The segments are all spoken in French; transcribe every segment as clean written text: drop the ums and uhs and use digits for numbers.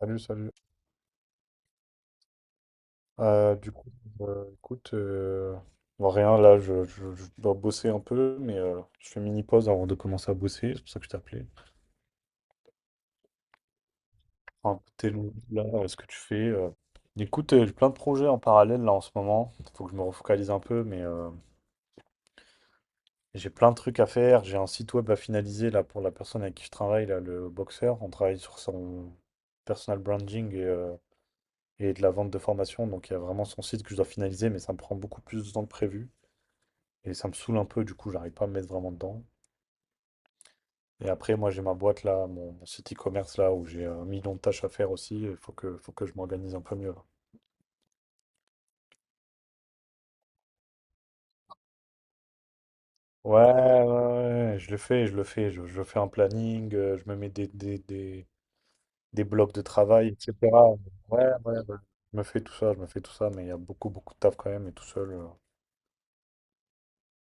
Salut, salut. Du coup, écoute, bon, rien, là, je dois bosser un peu, mais je fais mini pause avant de commencer à bosser, c'est pour ça que je t'appelais. Un peu tes nouvelles, là, ce que tu fais. Écoute, j'ai plein de projets en parallèle, là, en ce moment. Il faut que je me refocalise un peu, mais j'ai plein de trucs à faire. J'ai un site web à finaliser, là, pour la personne avec qui je travaille, là, le boxeur. On travaille sur son personal branding et de la vente de formation, donc il y a vraiment son site que je dois finaliser, mais ça me prend beaucoup plus de temps que prévu. Et ça me saoule un peu, du coup, j'arrive pas à me mettre vraiment dedans. Et après, moi, j'ai ma boîte là, mon site e-commerce là, où j'ai un million de tâches à faire aussi. Il faut que je m'organise un peu mieux. Ouais, ouais, ouais, je le fais, je le fais. Je fais un planning, je me mets des blocs de travail, etc. Ouais, je me fais tout ça, je me fais tout ça, mais il y a beaucoup, beaucoup de taf quand même, et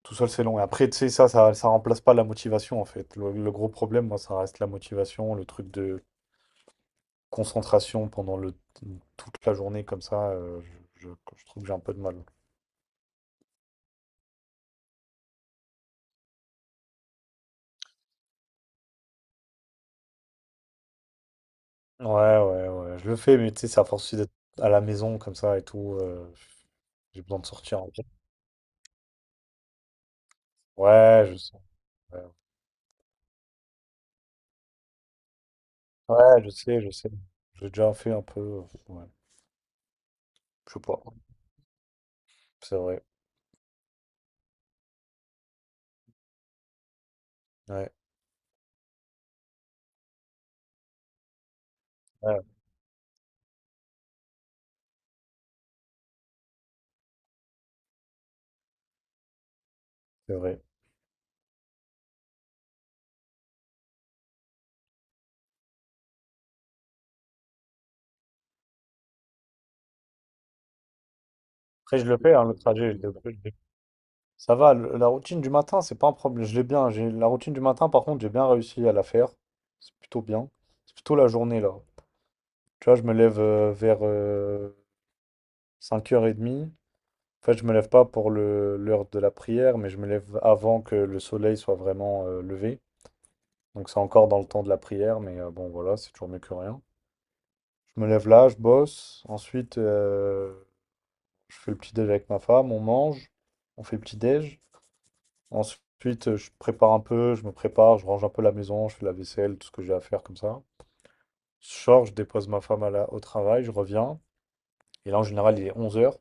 tout seul, c'est long. Et après, tu sais, ça remplace pas la motivation, en fait. Le gros problème, moi, ça reste la motivation, le truc de concentration pendant le toute la journée comme ça, je trouve que j'ai un peu de mal. Ouais, ouais, ouais, je le fais, mais tu sais, c'est à force aussi d'être à la maison comme ça et tout, j'ai besoin de sortir en fait. Ouais, je sais, ouais. Ouais, ouais, je sais, je sais. J'ai déjà fait un peu, ouais, je sais pas, c'est vrai. Ouais, ouais, c'est vrai. Après je le fais, hein, le trajet, je le fais, je l'ai, ça va, le la routine du matin, c'est pas un problème, je l'ai bien, j'ai la routine du matin, par contre, j'ai bien réussi à la faire, c'est plutôt bien. C'est plutôt la journée là. Tu vois, je me lève vers cinq heures h 30. En fait, je me lève pas pour l'heure de la prière, mais je me lève avant que le soleil soit vraiment levé. Donc c'est encore dans le temps de la prière, mais bon, voilà, c'est toujours mieux que rien. Je me lève là, je bosse. Ensuite, je fais le petit déj avec ma femme, on mange, on fait le petit déj. Ensuite, je prépare un peu, je me prépare, je range un peu la maison, je fais la vaisselle, tout ce que j'ai à faire comme ça. Je sors, je dépose ma femme au travail, je reviens. Et là, en général, il est 11h.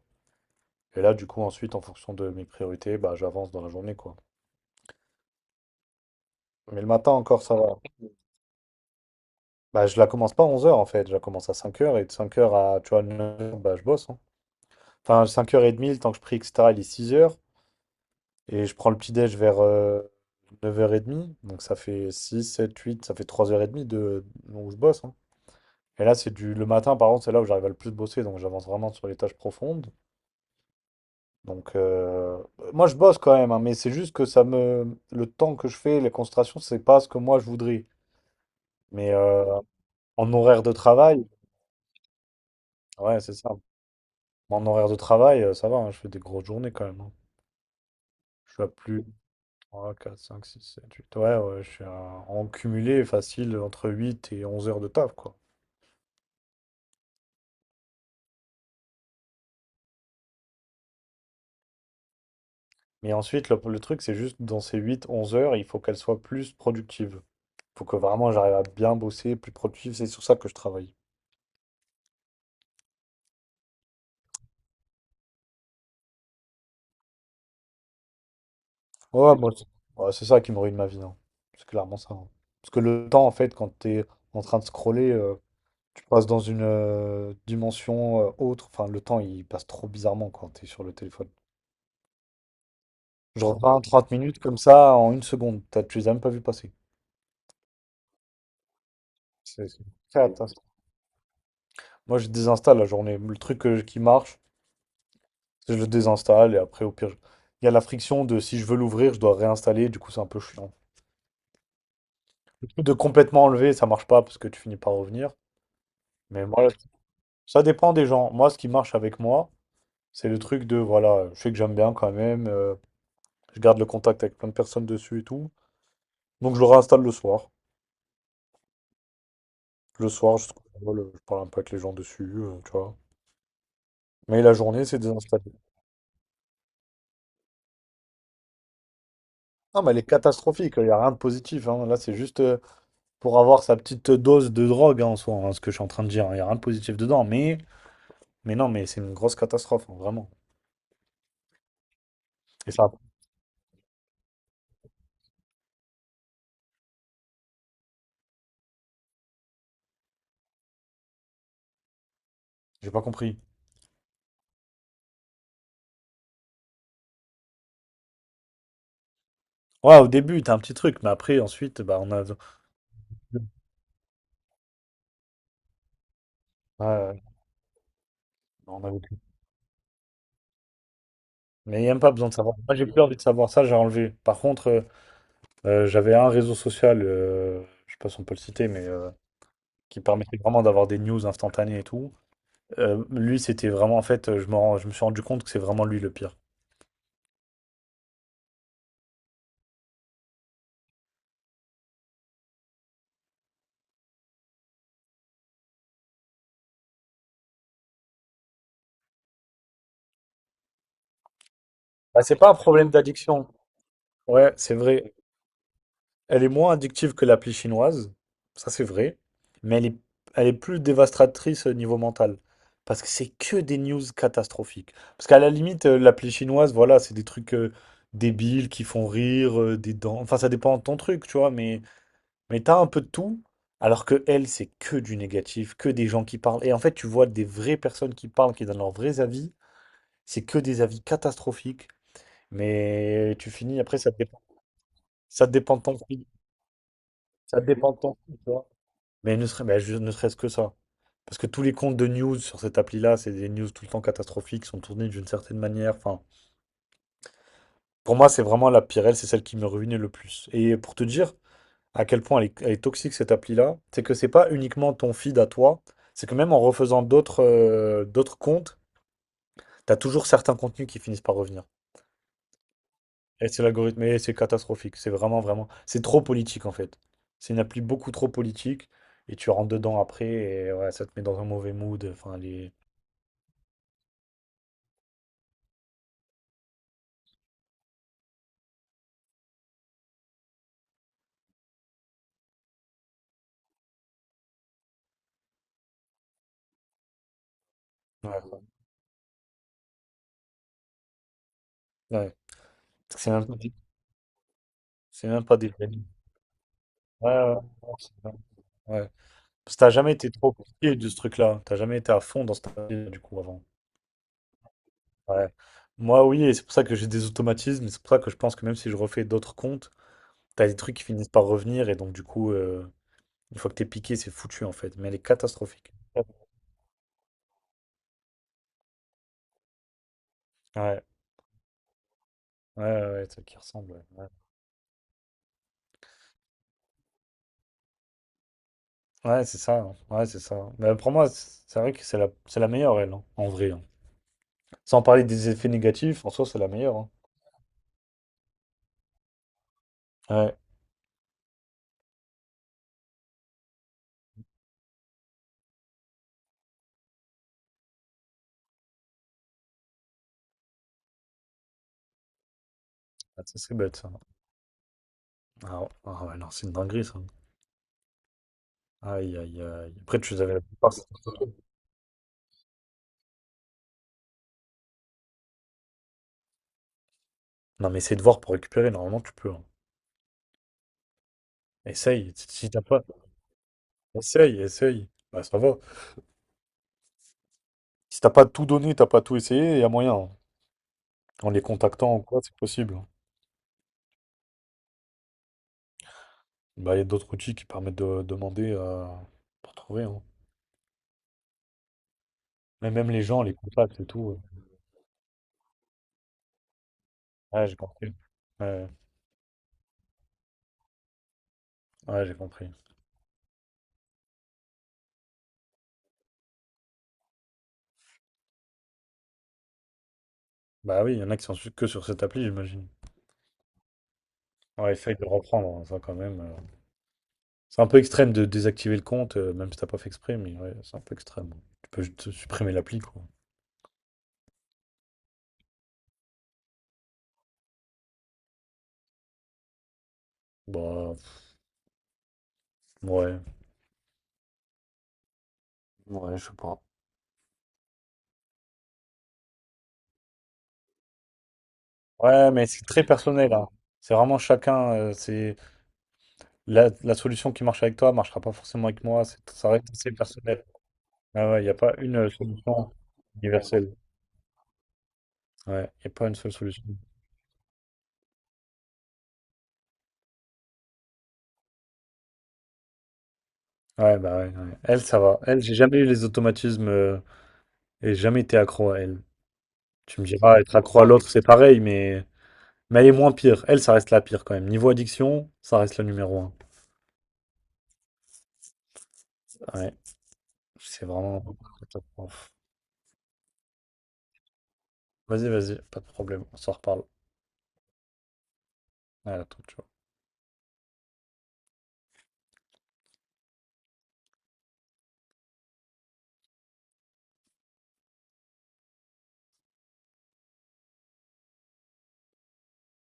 Et là, du coup, ensuite, en fonction de mes priorités, bah, j'avance dans la journée, quoi. Mais le matin encore, ça va. Bah, je la commence pas à 11h en fait. Je la commence à 5h. Et de 5h à, tu vois, 9h, bah, je bosse, hein. Enfin, 5h30, le temps que je prie, etc., il est 6h. Et je prends le petit-déj vers 9h30. Donc, ça fait 6 7 huit, ça fait 3h30 de... où je bosse, hein. Et là, c'est du... le matin, par contre, c'est là où j'arrive à le plus bosser. Donc, j'avance vraiment sur les tâches profondes. Donc, moi, je bosse quand même, hein, mais c'est juste que ça me... Le temps que je fais, les concentrations, c'est pas ce que moi, je voudrais. Mais en horaire de travail, ouais, c'est ça. En horaire de travail, ça va, hein, je fais des grosses journées quand même, hein. Je suis à plus de 3 4 5 6 7 8. Ouais, ouais, en cumulé facile entre 8 et 11 heures de taf, quoi. Mais ensuite, le truc, c'est juste dans ces 8 11 heures, il faut qu'elles soient plus productives. Faut que vraiment j'arrive à bien bosser, plus productif. C'est sur ça que je travaille. Ouais, moi, c'est, ouais, c'est ça qui me ruine ma vie, hein. C'est clairement ça, hein. Parce que le temps, en fait, quand t'es en train de scroller. Tu passes dans une dimension autre. Enfin, le temps, il passe trop bizarrement quand t'es sur le téléphone. Genre 20, 30 minutes comme ça en une seconde. Tu les as même pas vu passer. C'est une catastrophe. Moi, je désinstalle la journée. Le truc qui marche, c'est que je le désinstalle et après, au pire, il y a la friction de si je veux l'ouvrir, je dois réinstaller. Du coup, c'est un peu chiant. Le truc de complètement enlever, ça marche pas parce que tu finis par revenir. Mais voilà, ça dépend des gens. Moi, ce qui marche avec moi, c'est le truc de voilà, je sais que j'aime bien quand même. Je garde le contact avec plein de personnes dessus et tout. Donc je le réinstalle le soir. Le soir, je parle un peu avec les gens dessus, tu vois. Mais la journée, c'est désinstallé. Non, mais elle est catastrophique, il n'y a rien de positif, hein. Là, c'est juste pour avoir sa petite dose de drogue, hein, en soi, hein, ce que je suis en train de dire. Il n'y a rien de positif dedans. Mais non, mais c'est une grosse catastrophe, hein, vraiment. Et ça, j'ai pas compris. Ouais, au début, t'as un petit truc, mais après, ensuite, bah, on a. Ouais, ouais, on a aucune. Mais il n'y a même pas besoin de savoir. Moi, j'ai plus envie de savoir ça, j'ai enlevé. Par contre, j'avais un réseau social, je sais pas si on peut le citer, mais qui permettait vraiment d'avoir des news instantanées et tout. Lui, c'était vraiment, en fait, je me suis rendu compte que c'est vraiment lui le pire. Bah, c'est pas un problème d'addiction. Ouais, c'est vrai. Elle est moins addictive que l'appli chinoise, ça c'est vrai, mais elle est plus dévastatrice au niveau mental. Parce que c'est que des news catastrophiques. Parce qu'à la limite, l'appli chinoise, voilà, c'est des trucs débiles qui font rire, des dents. Enfin, ça dépend de ton truc, tu vois, mais t'as un peu de tout. Alors que elle, c'est que du négatif, que des gens qui parlent. Et en fait, tu vois des vraies personnes qui parlent, qui donnent leurs vrais avis. C'est que des avis catastrophiques. Mais tu finis, après, ça te dépend. Ça te dépend de ton feed. Ça te dépend de ton feed, tu vois. Mais ne serait-ce que ça. Parce que tous les comptes de news sur cette appli-là, c'est des news tout le temps catastrophiques, sont tournées d'une certaine manière. Enfin, pour moi, c'est vraiment la pire, elle, c'est celle qui me ruinait le plus. Et pour te dire à quel point elle est toxique cette appli-là, c'est que c'est pas uniquement ton feed à toi, c'est que même en refaisant d'autres comptes, t'as toujours certains contenus qui finissent par revenir. Et c'est l'algorithme, et c'est catastrophique. C'est vraiment, vraiment. C'est trop politique en fait. C'est une appli beaucoup trop politique, et tu rentres dedans après, et ouais, ça te met dans un mauvais mood. Enfin, les. Ouais. Ouais. C'est même pas des c'est même pas des vrais. Ouais, ouais, ouais, c'est vrai. Ouais. Parce que t'as jamais été trop pied de ce truc-là. T'as jamais été à fond dans cette délire, du coup, avant. Ouais. Moi, oui, et c'est pour ça que j'ai des automatismes. Et c'est pour ça que je pense que même si je refais d'autres comptes, t'as des trucs qui finissent par revenir. Et donc, du coup, une fois que t'es piqué, c'est foutu, en fait. Mais elle est catastrophique. Ouais, ouais, ouais, ouais, c'est qui ressemble. Ouais, ouais, ouais, c'est ça, hein. Ouais, c'est ça. Mais pour moi, c'est vrai que c'est la meilleure, elle, hein, en vrai, hein. Sans parler des effets négatifs, en soi, c'est la meilleure, hein. Ouais. Ah, ça, c'est bête, ça. Ah, ouais, ah ouais, non, c'est une dinguerie, ça. Aïe, aïe, aïe. Après, tu les avais la plupart. Non, mais essaye de voir pour récupérer. Normalement, tu peux, hein. Essaye. Si t'as pas. Essaye, essaye. Bah, ça va. Si t'as pas tout donné, t'as pas tout essayé, il y a moyen, hein. En les contactant ou quoi, c'est possible, hein. Bah, il y a d'autres outils qui permettent de demander pour trouver, hein. Mais même les gens, les contacts et tout. Ouais, j'ai compris. Ouais, ouais, j'ai compris. Bah oui, il y en a qui sont que sur cette appli, j'imagine. Ouais, essaye de reprendre, hein, ça, quand même. C'est un peu extrême de désactiver le compte, même si t'as pas fait exprès, mais ouais, c'est un peu extrême. Tu peux juste supprimer l'appli, quoi. Bah, ouais. Ouais, je sais pas. Ouais, mais c'est très personnel, hein. C'est vraiment chacun. C'est la solution qui marche avec toi marchera pas forcément avec moi. Ça reste assez personnel. Ah ouais, il n'y a pas une solution universelle. Ouais, il n'y a pas une seule solution. Ouais, bah ouais, ouais. Elle, ça va. Elle, j'ai jamais eu les automatismes, et jamais été accro à elle. Tu me diras, être accro à l'autre, c'est pareil, mais elle est moins pire. Elle, ça reste la pire quand même. Niveau addiction, ça reste le numéro un. Ouais. C'est vraiment. Catastrophe. Vas-y, vas-y, pas de problème. On s'en reparle. Ouais, à la toute, ciao.